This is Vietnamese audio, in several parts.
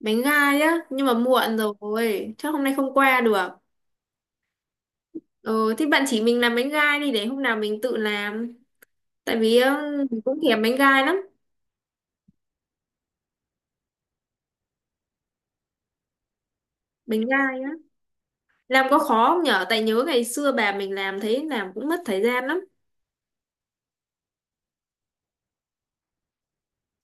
Bánh gai á, nhưng mà muộn rồi, chắc hôm nay không qua được. Ừ, thế bạn chỉ mình làm bánh gai đi để hôm nào mình tự làm. Tại vì mình cũng thèm bánh gai lắm. Bánh gai á, làm có khó không nhở? Tại nhớ ngày xưa bà mình làm thấy làm cũng mất thời gian lắm.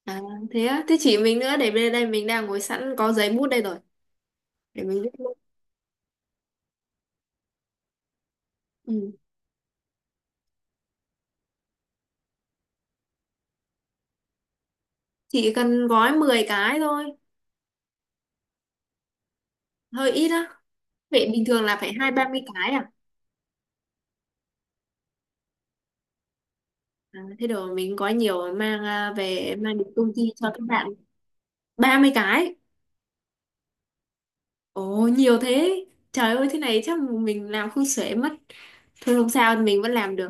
À thế á? Thế chỉ mình nữa, để bên đây mình đang ngồi sẵn có giấy bút đây rồi, để mình viết luôn. Ừ. Chỉ cần gói 10 cái thôi. Hơi ít á? Vậy bình thường là phải hai ba mươi cái à? À thế đồ mình gói nhiều về mang đến công ty cho các bạn. 30 cái? Ồ nhiều thế. Trời ơi thế này chắc mình làm không xuể mất. Thôi không sao, mình vẫn làm được.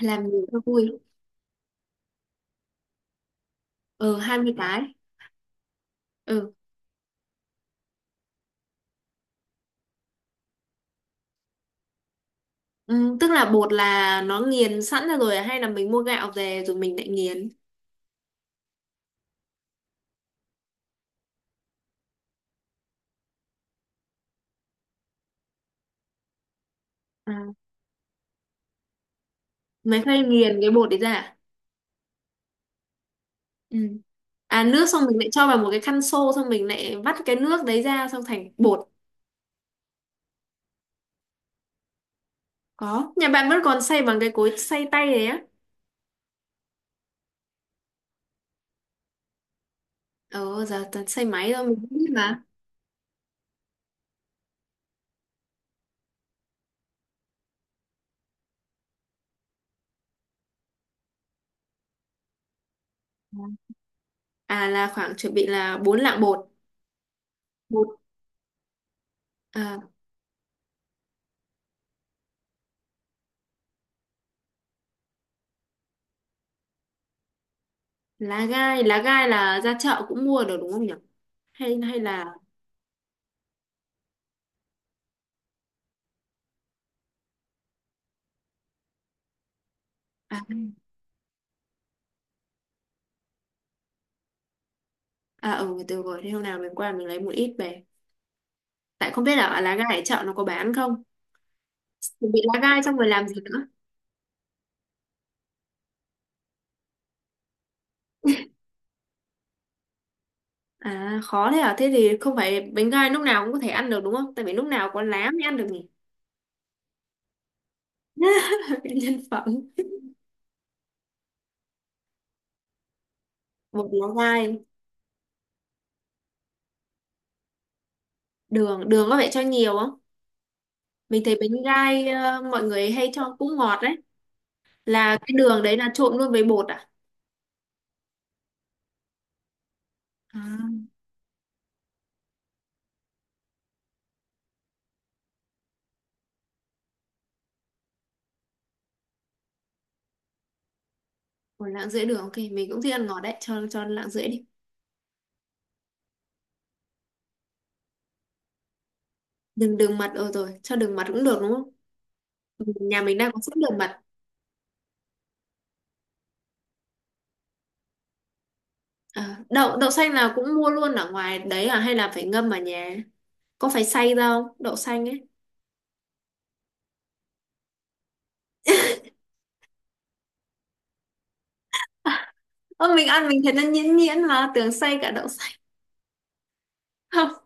Làm nhiều cho vui. Ờ, 20 cái. Ừ. Ừ, tức là bột là nó nghiền sẵn ra rồi à? Hay là mình mua gạo về rồi mình lại nghiền? À. Máy phay nghiền cái bột đấy ra à? Ừ. À, nước xong mình lại cho vào một cái khăn xô, xong mình lại vắt cái nước đấy ra, xong thành bột. Có. Nhà bạn vẫn còn xay bằng cái cối xay tay đấy á? Ờ giờ toàn xay máy thôi, mình cũng biết mà. À là khoảng chuẩn bị là 4 lạng bột. Bột. À, lá gai, lá gai là ra chợ cũng mua được đúng không nhỉ? Hay hay là, à. À ừ được rồi, thế hôm nào mình qua mình lấy một ít về. Tại không biết là lá gai ở chợ nó có bán không. Mình bị lá gai xong rồi làm gì nữa? À khó thế à? Thế thì không phải bánh gai lúc nào cũng có thể ăn được đúng không, tại vì lúc nào có lá mới ăn được nhỉ. Nhân phẩm. Một lá gai. Đường, đường có phải cho nhiều không? Mình thấy bánh gai mọi người hay cho cũng ngọt đấy. Là cái đường đấy là trộn luôn với bột à? À. 1 lạng rưỡi đường, ok mình cũng thích ăn ngọt đấy, cho lạng rưỡi đi. Đường, đường mật, ờ rồi cho đường mật cũng được đúng không? Ừ, nhà mình đang có sẵn đường mật. Ờ, đậu, đậu xanh là cũng mua luôn ở ngoài đấy à, hay là phải ngâm ở nhà? Có phải xay ra không, đậu xanh ấy? Ơ mình ăn mình thấy nó nhuyễn nhuyễn mà tưởng xay cả đậu xanh. Không.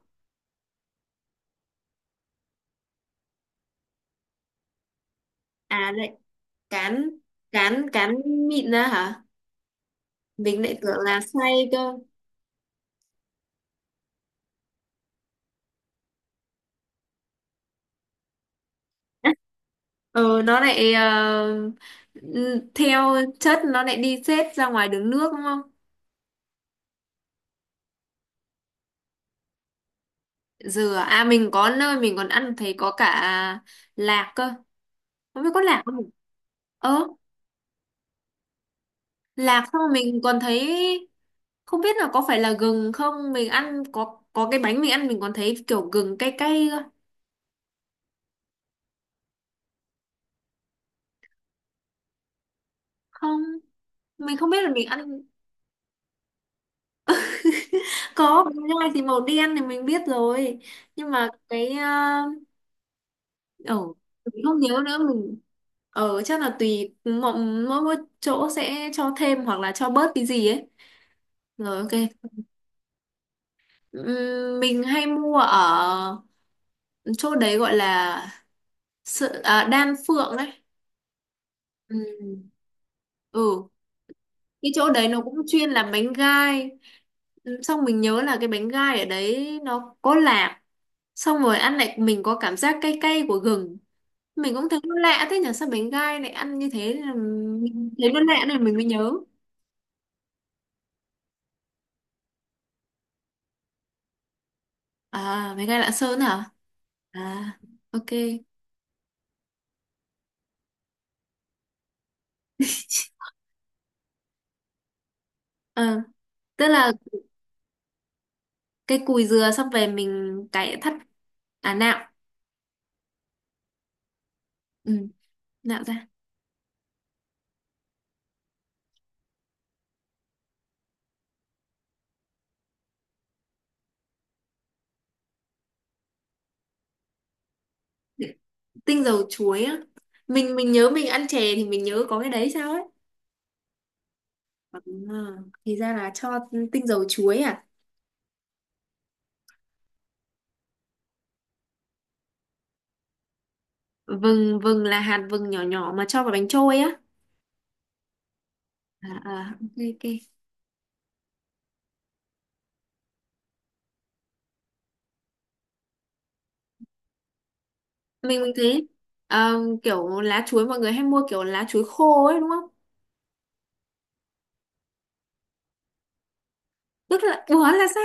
À lại cán, cán mịn ra hả? Mình lại tưởng là xay cơ. Ờ nó lại ừ, theo chất nó lại đi xếp ra ngoài đường nước đúng không? Dừa à? À, mình có nơi mình còn ăn thấy có cả lạc cơ. Không biết có lạc không nhỉ? Ờ, lạc xong rồi mình còn thấy không biết là có phải là gừng không, mình ăn có cái bánh mình ăn mình còn thấy kiểu gừng cay cay cơ. Không, mình không biết là mình ăn có. Bánh gai thì màu đen thì mình biết rồi, nhưng mà cái ở, mình không nhớ nữa mình ở chắc là tùy mỗi, mỗi, mỗi chỗ sẽ cho thêm hoặc là cho bớt cái gì ấy. Rồi ok. Mình hay mua ở chỗ đấy, gọi là sự, à, Đan Phượng đấy. Ừm. Ừ, cái chỗ đấy nó cũng chuyên làm bánh gai. Xong mình nhớ là cái bánh gai ở đấy nó có lạc, xong rồi ăn lại mình có cảm giác cay cay của gừng. Mình cũng thấy nó lạ thế nhỉ, sao bánh gai lại ăn như thế. Là Mình thấy nó lạ nên mình mới nhớ. À bánh gai Lạng Sơn hả? À ok. Ờ, tức là cái cùi dừa xong về mình cải thắt. À nạo. Ừ. Nạo ra. Tinh dầu chuối á? Mình nhớ mình ăn chè thì mình nhớ có cái đấy sao ấy. À, thì ra là cho tinh dầu chuối à. Vừng, vừng là hạt vừng nhỏ nhỏ mà cho vào bánh trôi á. À, à ok ok. Mình thấy ờ, kiểu lá chuối mọi người hay mua kiểu lá chuối khô ấy đúng không? Tức là ủa là sao?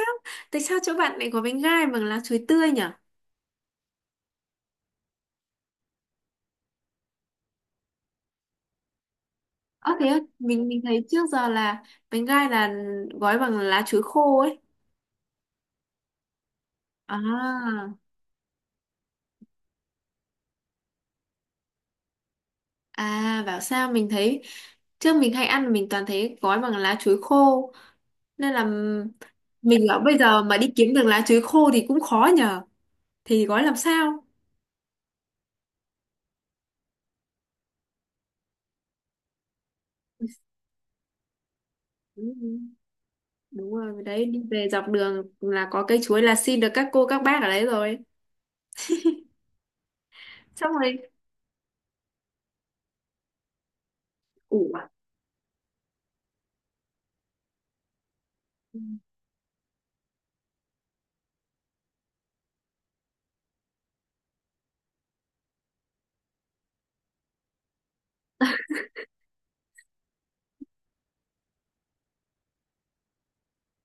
Tại sao chỗ bạn lại có bánh gai bằng lá chuối tươi nhỉ? Ờ thế á, mình thấy trước giờ là bánh gai là gói bằng lá chuối khô ấy. À. À bảo sao mình thấy trước mình hay ăn mình toàn thấy gói bằng lá chuối khô nên là mình bảo bây giờ mà đi kiếm được lá chuối khô thì cũng khó nhờ. Thì gói làm sao? đúng, Đúng rồi đấy, đi về dọc đường là có cây chuối là xin được các cô các bác ở đấy rồi. Xong rồi ủ à,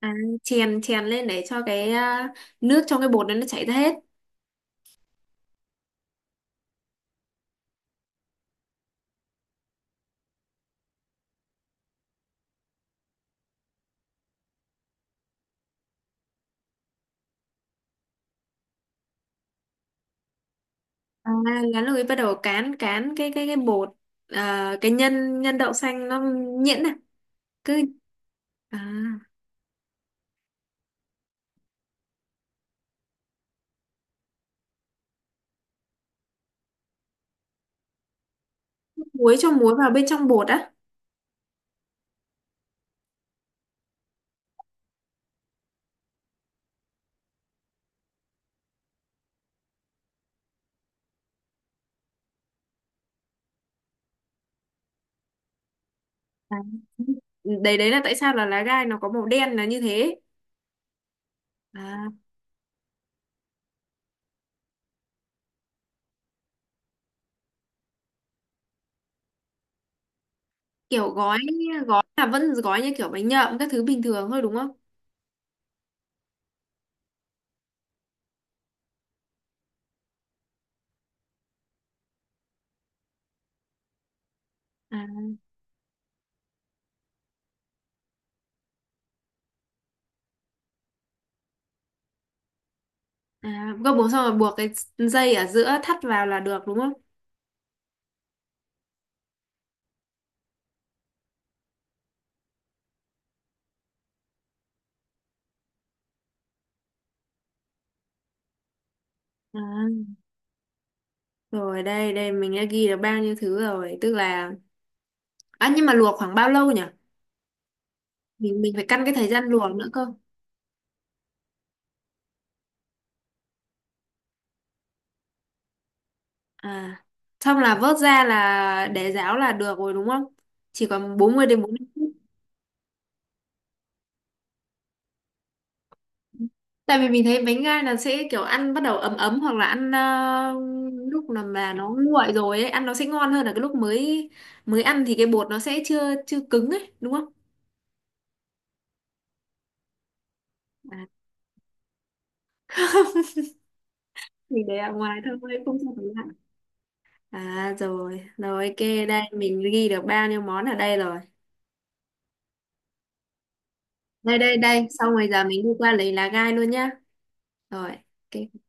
à, chèn chèn lên để cho cái nước trong cái bột đó nó chảy ra hết. À, lá lùi bắt đầu cán, cái cái bột, à, cái nhân, đậu xanh nó nhuyễn này, cứ. À muối, cho muối vào bên trong bột á? À, đấy đấy là tại sao là lá gai nó có màu đen là như thế. À, kiểu gói, gói là vẫn gói như kiểu bánh nhậm các thứ bình thường thôi đúng không? À, à gấp bột xong rồi buộc cái dây ở giữa thắt vào là được đúng không? À, rồi đây đây mình đã ghi được bao nhiêu thứ rồi, tức là, à, nhưng mà luộc khoảng bao lâu nhỉ? Mình phải căn cái thời gian luộc nữa cơ. À xong là vớt ra là để ráo là được rồi đúng không? Chỉ còn 40 đến 40 phút. Tại vì mình thấy bánh gai là sẽ kiểu ăn bắt đầu ấm ấm hoặc là ăn lúc là mà nó nguội rồi ấy ăn nó sẽ ngon hơn là cái lúc mới, mới ăn thì cái bột nó sẽ chưa chưa cứng ấy đúng không? À, mình để ở ngoài thôi không sao phải lạnh. À rồi rồi ok. Đây mình ghi được bao nhiêu món ở đây rồi. Đây đây đây xong rồi giờ mình đi qua lấy lá gai luôn nhá. Rồi ok.